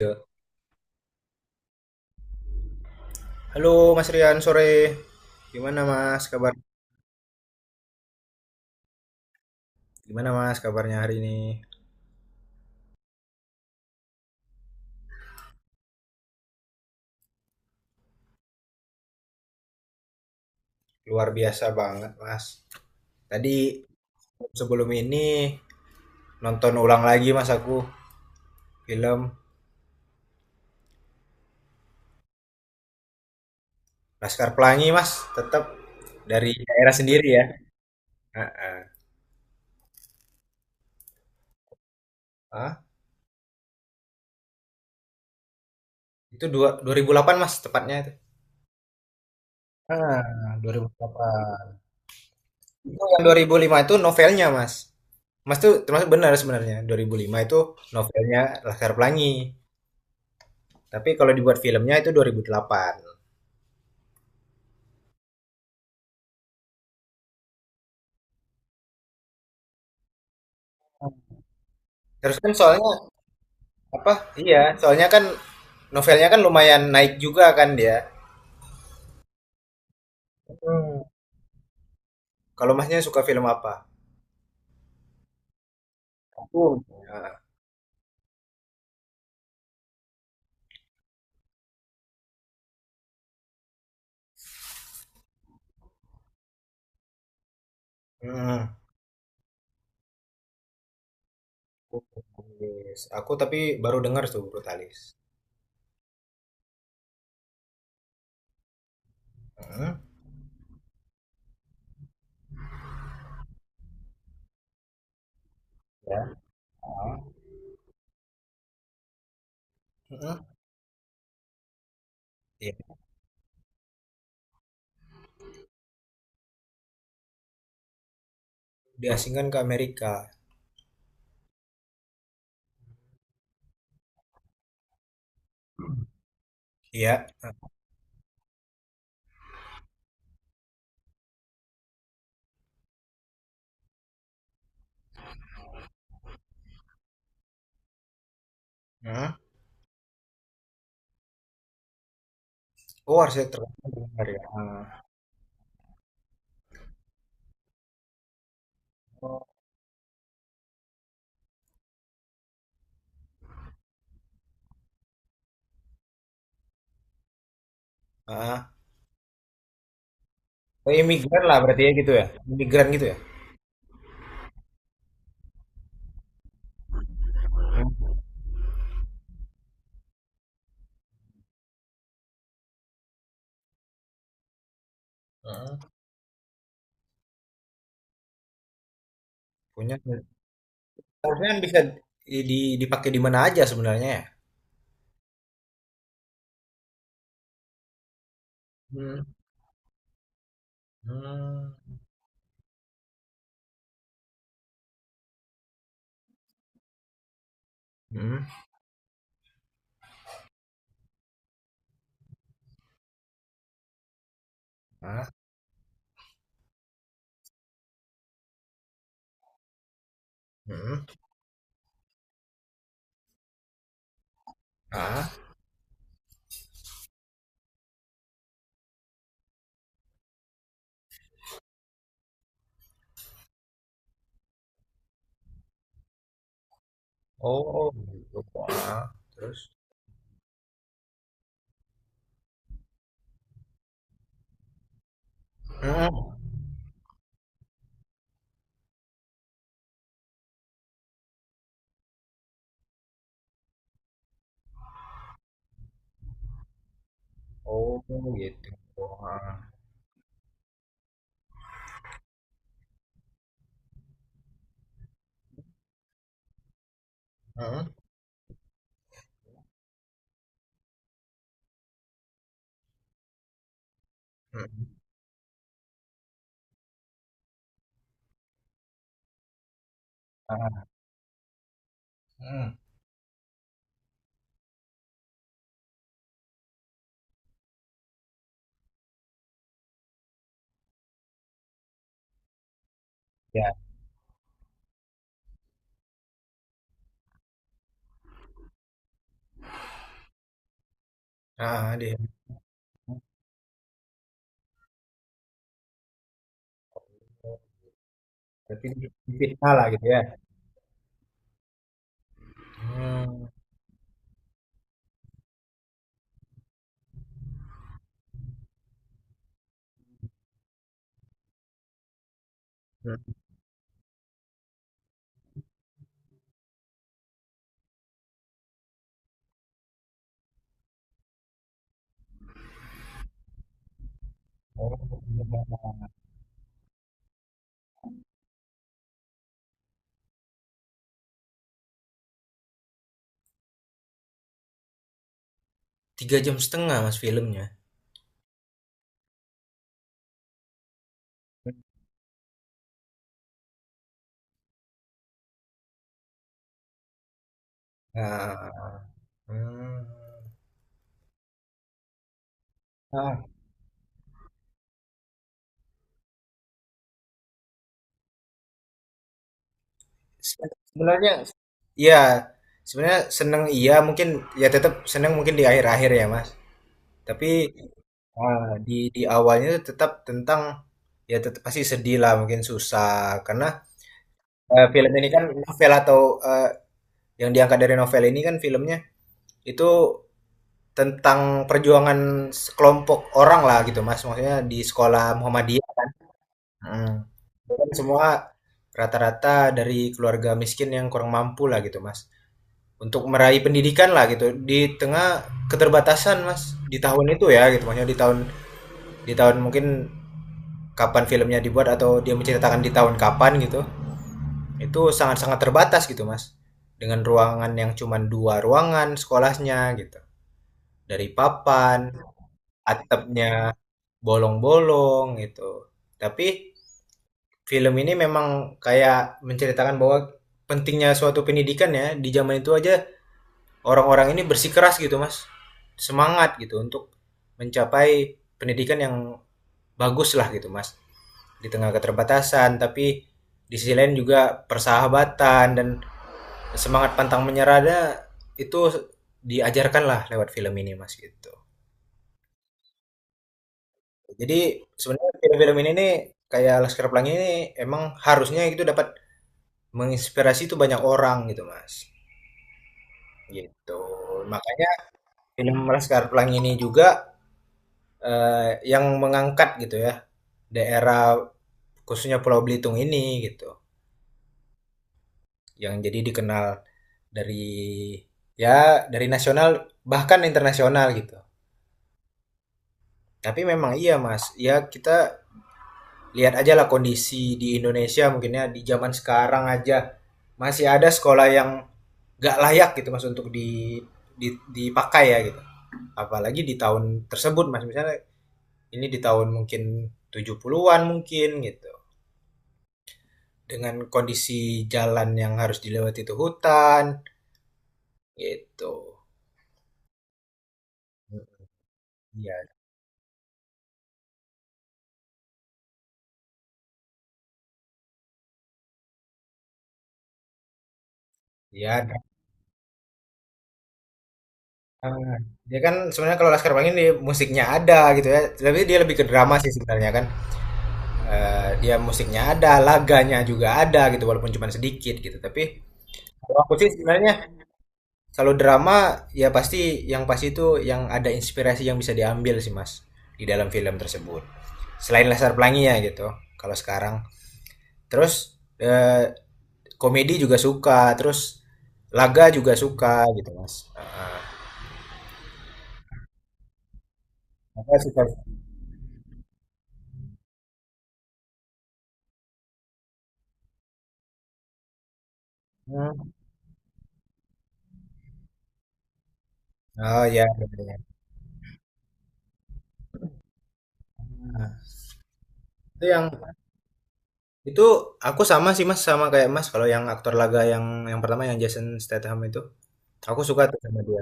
Ya. Halo Mas Rian, sore. Gimana Mas kabar? Gimana Mas kabarnya hari ini? Luar biasa banget Mas. Tadi sebelum ini nonton ulang lagi Mas aku film Laskar Pelangi Mas, tetap dari daerah sendiri ya. Heeh. Ah, itu 2008 Mas tepatnya itu. 2008. Itu yang 2005 itu novelnya Mas. Mas tuh termasuk benar sebenarnya. 2005 itu novelnya Laskar Pelangi. Tapi kalau dibuat filmnya itu 2008. Terus kan soalnya apa? Iya, soalnya kan novelnya kan lumayan naik juga kan dia. Hmm, Kalau masnya suka film apa? aku Ah, hmm. Brutalis. Aku tapi baru dengar tuh Brutalis. Hmm. Ya. Hmm. Iya. Diasingkan ke Amerika. Iya. Hmm. Oh, harusnya terkenal ya. Ah. Ah. Oh, imigran lah berarti ya gitu ya. Imigran gitu ya. Hmm. Punya. Harusnya kan bisa dipakai di mana aja sebenarnya ya. Hmm. Hmm, hmm, ah, hmm, ah, oh gitu, heeh, terus? Hmm, oh gitu, heeh, hmm, mhm, heeh, mhm, iya, heeh, di berarti di lah gitu ya? Hmm, hmm. Oh iya. 3,5 jam setengah Mas filmnya? Ah, hmm. Ah, se sebenarnya ya, sebenarnya seneng iya mungkin ya tetap seneng mungkin di akhir-akhir ya Mas, tapi. Di awalnya tetap tentang ya tetap pasti sedih lah mungkin susah karena film ini kan novel atau eh, yang diangkat dari novel ini kan filmnya itu tentang perjuangan sekelompok orang lah gitu Mas maksudnya di sekolah Muhammadiyah. Mm. Itu kan semua rata-rata dari keluarga miskin yang kurang mampu lah gitu Mas. Untuk meraih pendidikan lah gitu di tengah keterbatasan Mas, di tahun itu ya gitu, maksudnya di tahun mungkin kapan filmnya dibuat atau dia menceritakan di tahun kapan gitu, itu sangat-sangat terbatas gitu mas, dengan ruangan yang cuma dua ruangan sekolahnya gitu, dari papan, atapnya bolong-bolong gitu. Tapi film ini memang kayak menceritakan bahwa pentingnya suatu pendidikan ya, di zaman itu aja orang-orang ini bersikeras gitu mas, semangat gitu untuk mencapai pendidikan yang bagus lah gitu mas, di tengah keterbatasan. Tapi di sisi lain juga persahabatan dan semangat pantang menyerah itu diajarkan lah lewat film ini mas gitu. Jadi sebenarnya film-film ini nih kayak Laskar Pelangi ini emang harusnya itu dapat menginspirasi itu banyak orang gitu mas gitu. Makanya film Laskar Pelangi ini juga eh, yang mengangkat gitu ya daerah khususnya Pulau Belitung ini gitu, yang jadi dikenal dari ya dari nasional bahkan internasional gitu. Tapi memang iya Mas, ya kita lihat aja lah kondisi di Indonesia mungkinnya di zaman sekarang aja masih ada sekolah yang gak layak gitu Mas untuk dipakai ya gitu. Apalagi di tahun tersebut Mas, misalnya ini di tahun mungkin 70-an mungkin gitu. Dengan kondisi jalan yang harus dilewati itu hutan gitu. Ya, ya. Eee, Dia kan sebenarnya kalau Laskar Pelangi dia musiknya ada gitu ya, tapi dia lebih ke drama sih sebenarnya kan. eee, Dia musiknya ada, laganya juga ada gitu walaupun cuma sedikit gitu. Tapi kalau aku sih sebenarnya kalau drama ya pasti, yang pasti itu yang ada inspirasi yang bisa diambil sih Mas, di dalam film tersebut. Selain Laskar Pelangi ya gitu kalau sekarang. Terus, eee, komedi juga suka, terus laga juga suka gitu Mas, heeh. Laga suka. Mhm, oh iya. Iya, iya. Nah, itu yang itu aku sama sih Mas sama kayak Mas, kalau yang aktor laga yang pertama yang Jason Statham itu aku suka tuh sama dia.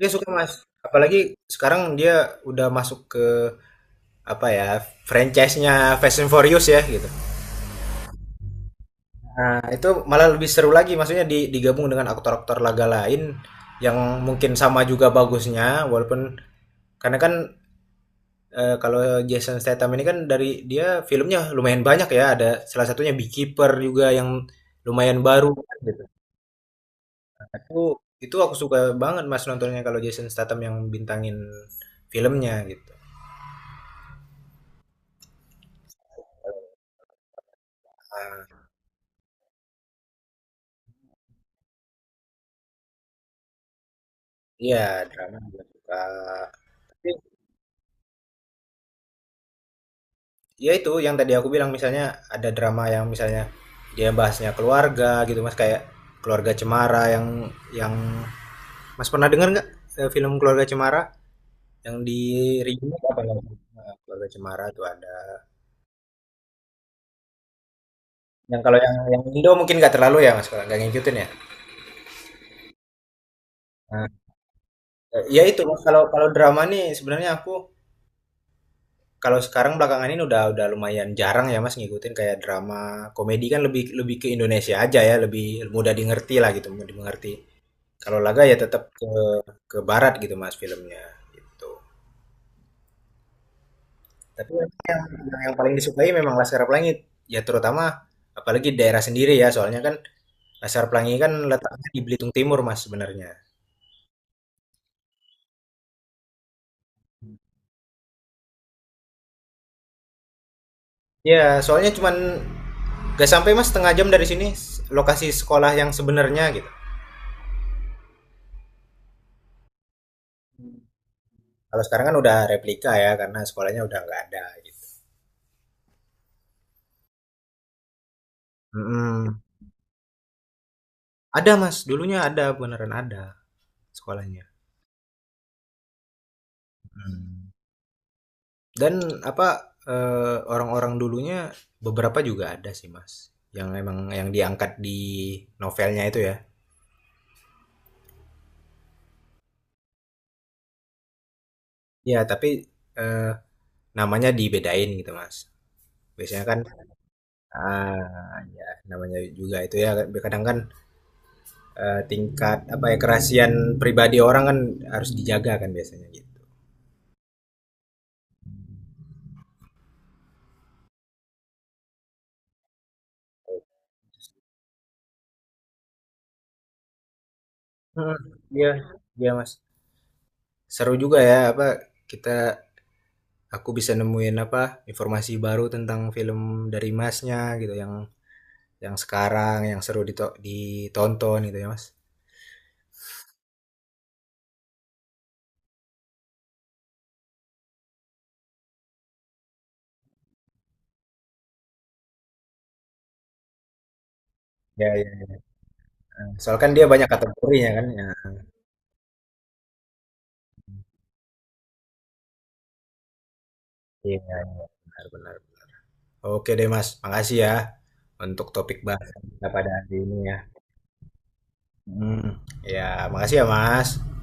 Dia suka Mas. Apalagi sekarang dia udah masuk ke apa ya franchise-nya Fast and Furious ya gitu. Nah, itu malah lebih seru lagi maksudnya digabung dengan aktor-aktor laga lain yang mungkin sama juga bagusnya, walaupun karena kan. Kalau Jason Statham ini kan dari dia filmnya lumayan banyak ya. Ada salah satunya Beekeeper juga yang lumayan baru gitu. Aku itu aku suka banget Mas nontonnya kalau Jason Statham yang bintangin filmnya gitu. Ah, iya, drama juga suka. Tapi, ya itu yang tadi aku bilang misalnya ada drama yang misalnya dia bahasnya keluarga gitu Mas, kayak Keluarga Cemara yang Mas pernah dengar nggak film Keluarga Cemara? Yang di remake apa yang, heeh, Keluarga Cemara tuh ada. Yang kalau yang Indo mungkin nggak terlalu ya Mas, kalau nggak ngikutin ya? Nah, ya itu Mas, kalau kalau drama nih sebenarnya aku kalau sekarang belakangan ini udah lumayan jarang ya Mas, ngikutin kayak drama komedi kan lebih lebih ke Indonesia aja ya, lebih mudah dimengerti lah gitu, mudah dimengerti. Kalau laga ya tetap ke barat gitu Mas, filmnya, gitu. Tapi yang paling disukai memang Laskar Pelangi, ya terutama apalagi daerah sendiri ya, soalnya kan Laskar Pelangi kan letaknya di Belitung Timur, Mas, sebenarnya. Ya, soalnya cuman gak sampai Mas setengah jam dari sini lokasi sekolah yang sebenarnya gitu. Kalau sekarang kan udah replika ya karena sekolahnya udah nggak ada gitu. Mm-mm. Ada Mas, dulunya ada beneran ada sekolahnya. Mm. Dan apa, orang-orang dulunya beberapa juga ada sih Mas, yang emang yang diangkat di novelnya itu ya. Ya tapi eh, namanya dibedain gitu Mas. Biasanya kan. Ya namanya juga itu ya kadang kan, tingkat apa ya, kerahasiaan pribadi orang kan harus dijaga kan biasanya gitu. Mhm, iya, iya, Mas. Seru juga ya apa, kita, aku bisa nemuin apa, informasi baru tentang film dari Masnya gitu yang sekarang yang seru ditonton gitu ya, Mas. Ya, ya, iya, soalnya kan dia banyak kategorinya kan, ya. Iya, iya, benar, benar. Oke deh, Mas, makasih ya untuk topik bahasan kita pada hari ini ya. Hmm. Ya, makasih ya Mas.